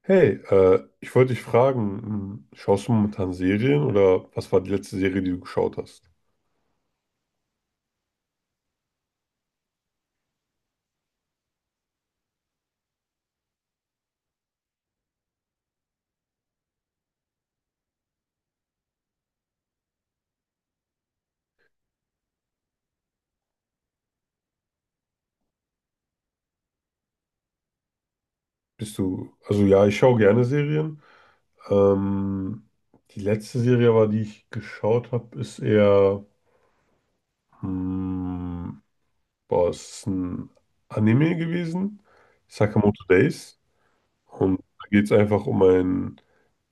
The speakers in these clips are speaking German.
Hey, ich wollte dich fragen, schaust du momentan Serien oder was war die letzte Serie, die du geschaut hast? Also ja, ich schaue gerne Serien. Ähm, Die letzte Serie aber, die ich geschaut habe, ist eher, hm, boah, es ist ein Anime gewesen, Sakamoto Days. Und da geht es einfach um einen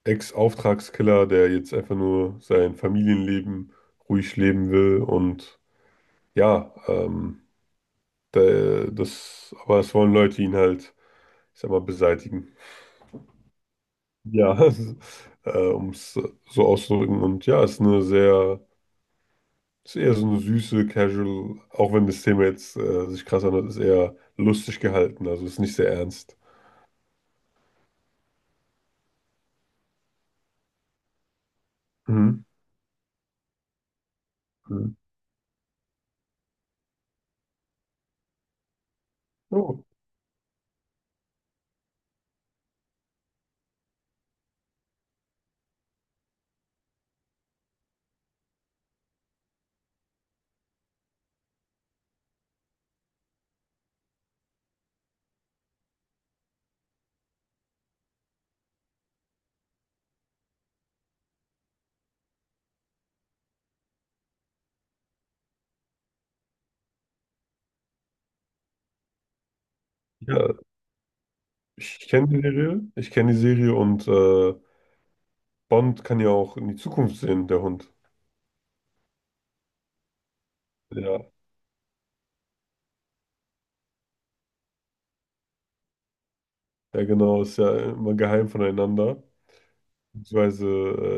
Ex-Auftragskiller, der jetzt einfach nur sein Familienleben ruhig leben will. Und ja, aber es wollen Leute ihn halt, ich sag mal, beseitigen. Ja, um es so auszudrücken. Und ja, es ist eher so eine süße, casual, auch wenn das Thema jetzt sich krass anhört, ist eher lustig gehalten. Also ist nicht sehr ernst. Mhm. Hm. Oh. Ja, ich kenne die Serie. Ich kenne die Serie und Bond kann ja auch in die Zukunft sehen, der Hund. Ja, ja, genau, ist ja immer geheim voneinander. Beziehungsweise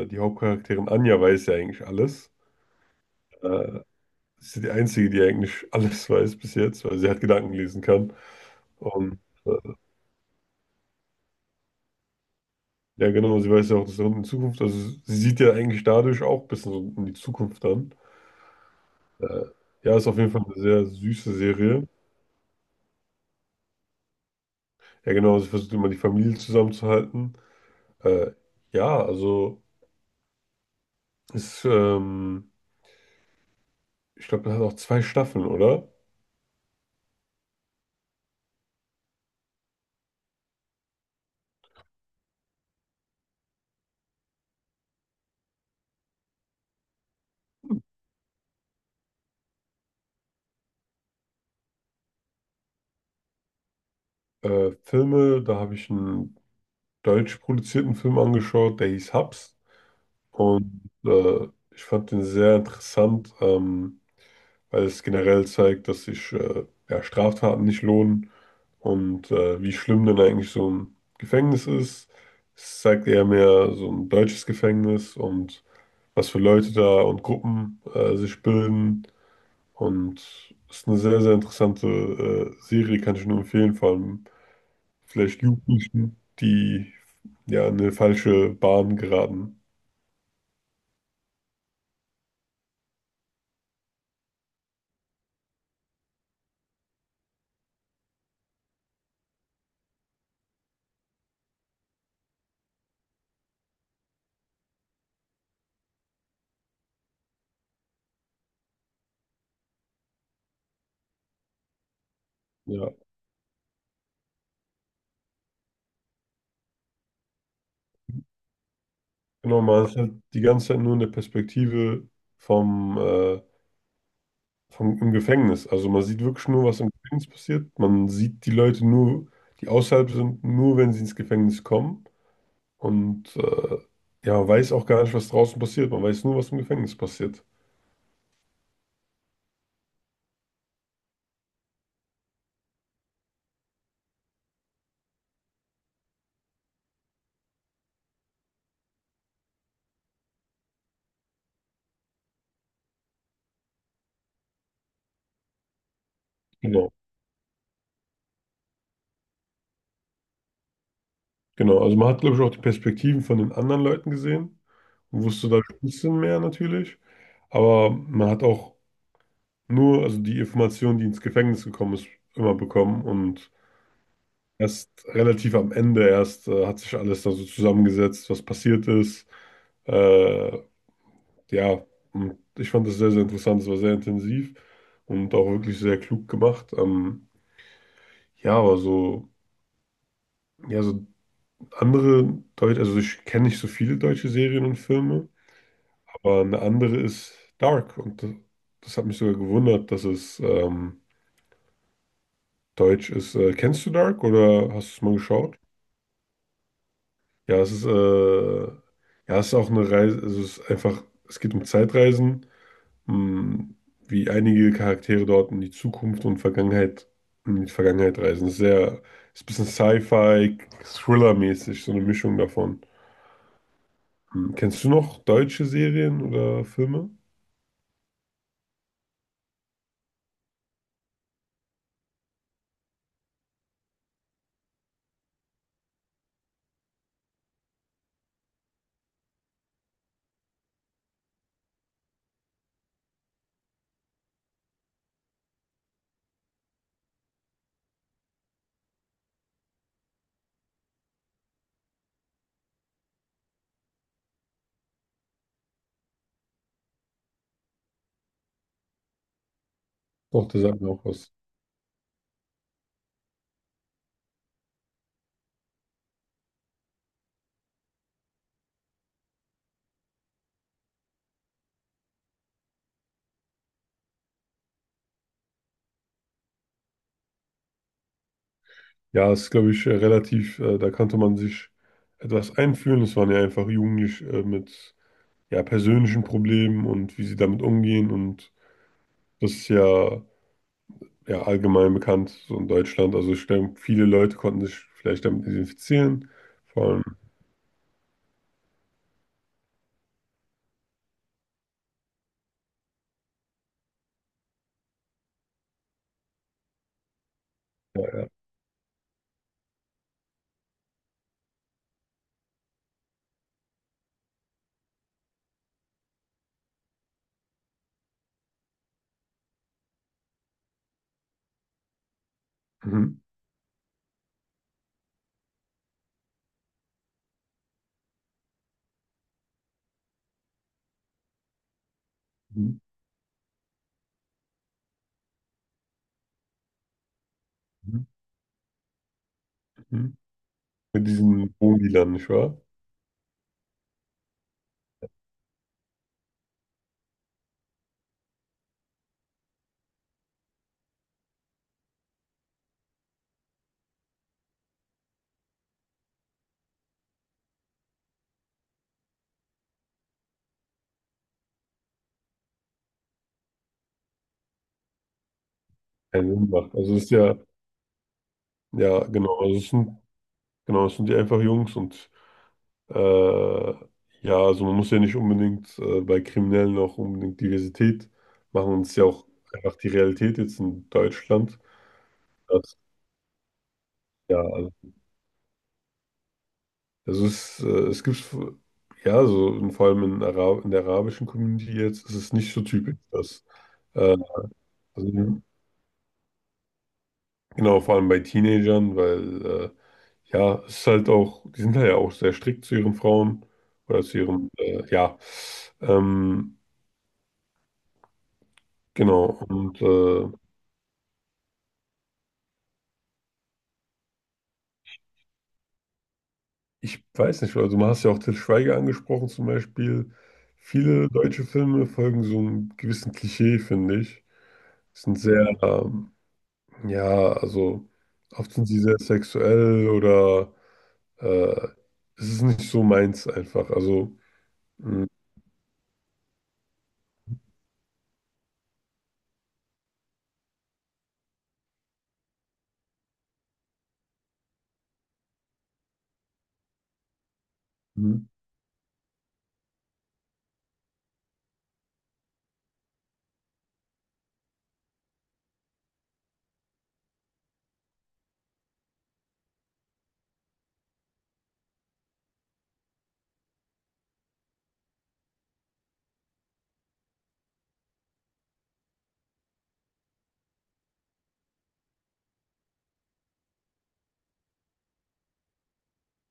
die Hauptcharakterin Anja weiß ja eigentlich alles. Äh, ist ja die Einzige, die eigentlich alles weiß bis jetzt, weil sie halt Gedanken lesen kann. Und äh, ja, genau, sie weiß ja auch, dass der Hund in Zukunft, also sie sieht ja eigentlich dadurch auch ein bisschen so in die Zukunft dann. Äh, ja, ist auf jeden Fall eine sehr süße Serie. Ja, genau, sie versucht immer die Familie zusammenzuhalten. Äh, ja, also ist, ähm, ich glaube, das hat auch zwei Staffeln, oder? Filme, da habe ich einen deutsch produzierten Film angeschaut, der hieß Hubs. Und ich fand den sehr interessant, weil es generell zeigt, dass sich ja, Straftaten nicht lohnen und wie schlimm denn eigentlich so ein Gefängnis ist. Es zeigt eher mehr so ein deutsches Gefängnis und was für Leute da und Gruppen sich bilden. Und ist eine sehr, sehr interessante Serie, kann ich nur empfehlen, vor allem vielleicht Jugendlichen, die ja in eine falsche Bahn geraten. Ja, genau, man ist halt die ganze Zeit nur in der Perspektive vom, äh, vom im Gefängnis. Also man sieht wirklich nur, was im Gefängnis passiert. Man sieht die Leute nur, die außerhalb sind, nur wenn sie ins Gefängnis kommen. Und ja, man weiß auch gar nicht, was draußen passiert. Man weiß nur, was im Gefängnis passiert. Genau, genau. Also man hat, glaube ich, auch die Perspektiven von den anderen Leuten gesehen und wusste da ein bisschen mehr natürlich. Aber man hat auch nur, also die Information, die ins Gefängnis gekommen ist, immer bekommen. Und erst relativ am Ende erst hat sich alles da so zusammengesetzt, was passiert ist. Äh, ja, und ich fand das sehr, sehr interessant. Es war sehr intensiv und auch wirklich sehr klug gemacht. Ja, aber so, ja, so andere Deutsche, also ich kenne nicht so viele deutsche Serien und Filme. Aber eine andere ist Dark und das hat mich sogar gewundert, dass es deutsch ist. Kennst du Dark oder hast du es mal geschaut? Ja, ja, es ist auch eine Reise, also es ist einfach, es geht um Zeitreisen, mh, wie einige Charaktere dort in die Zukunft und Vergangenheit, in die Vergangenheit reisen. Es ist ein bisschen Sci-Fi, Thriller-mäßig, so eine Mischung davon. Kennst du noch deutsche Serien oder Filme? Doch, der sagt mir auch was. Ja, es ist, glaube ich, relativ, da konnte man sich etwas einfühlen. Es waren ja einfach Jugendliche mit ja, persönlichen Problemen und wie sie damit umgehen. Und das ist ja allgemein bekannt so in Deutschland. Also ich denke, viele Leute konnten sich vielleicht damit identifizieren. Vor allem, ja, ja. Mhm. Mhm. Mhm. Mhm. Mit diesen Wohndealern, nicht wahr? Keinen Sinn macht. Also es ist ja, ja, genau, also genau, es sind die einfach Jungs und Äh, ja, also man muss ja nicht unbedingt bei Kriminellen auch unbedingt Diversität machen. Und es ist ja auch einfach die Realität jetzt in Deutschland. Dass, ja, also es gibt, ja, so und vor allem in der arabischen Community jetzt ist es nicht so typisch, dass, äh, also, genau, vor allem bei Teenagern, weil, ja, es ist halt auch, die sind halt ja auch sehr strikt zu ihren Frauen oder zu ihren, ja, ähm, genau, und, ich weiß nicht, also du hast ja auch Til Schweiger angesprochen zum Beispiel. Viele deutsche Filme folgen so einem gewissen Klischee, finde ich. Sind sehr, ähm, ja, also oft sind sie sehr sexuell oder äh, es ist nicht so meins einfach. Also mh,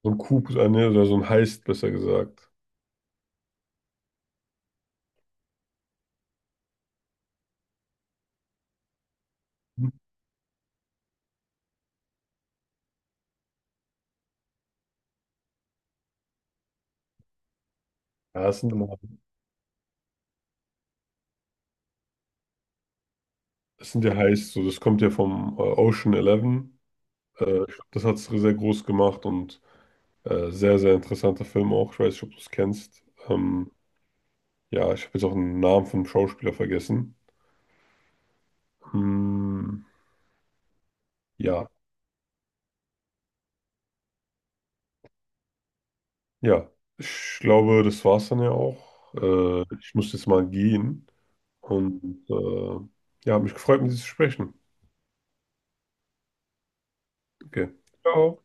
so ein Coup oder so ein Heist, besser gesagt. Mhm. Ja, es sind ja Heists, so, das kommt ja vom Ocean Eleven. Ich glaub, das hat es sehr groß gemacht und sehr, sehr interessanter Film auch. Ich weiß nicht, ob du es kennst. Ähm, ja, ich habe jetzt auch den Namen vom Schauspieler vergessen. Hm, ja, ja. Ich glaube, das war's dann ja auch. Ich muss jetzt mal gehen. Und ja, hat mich gefreut, mit dir zu sprechen. Okay. Ciao.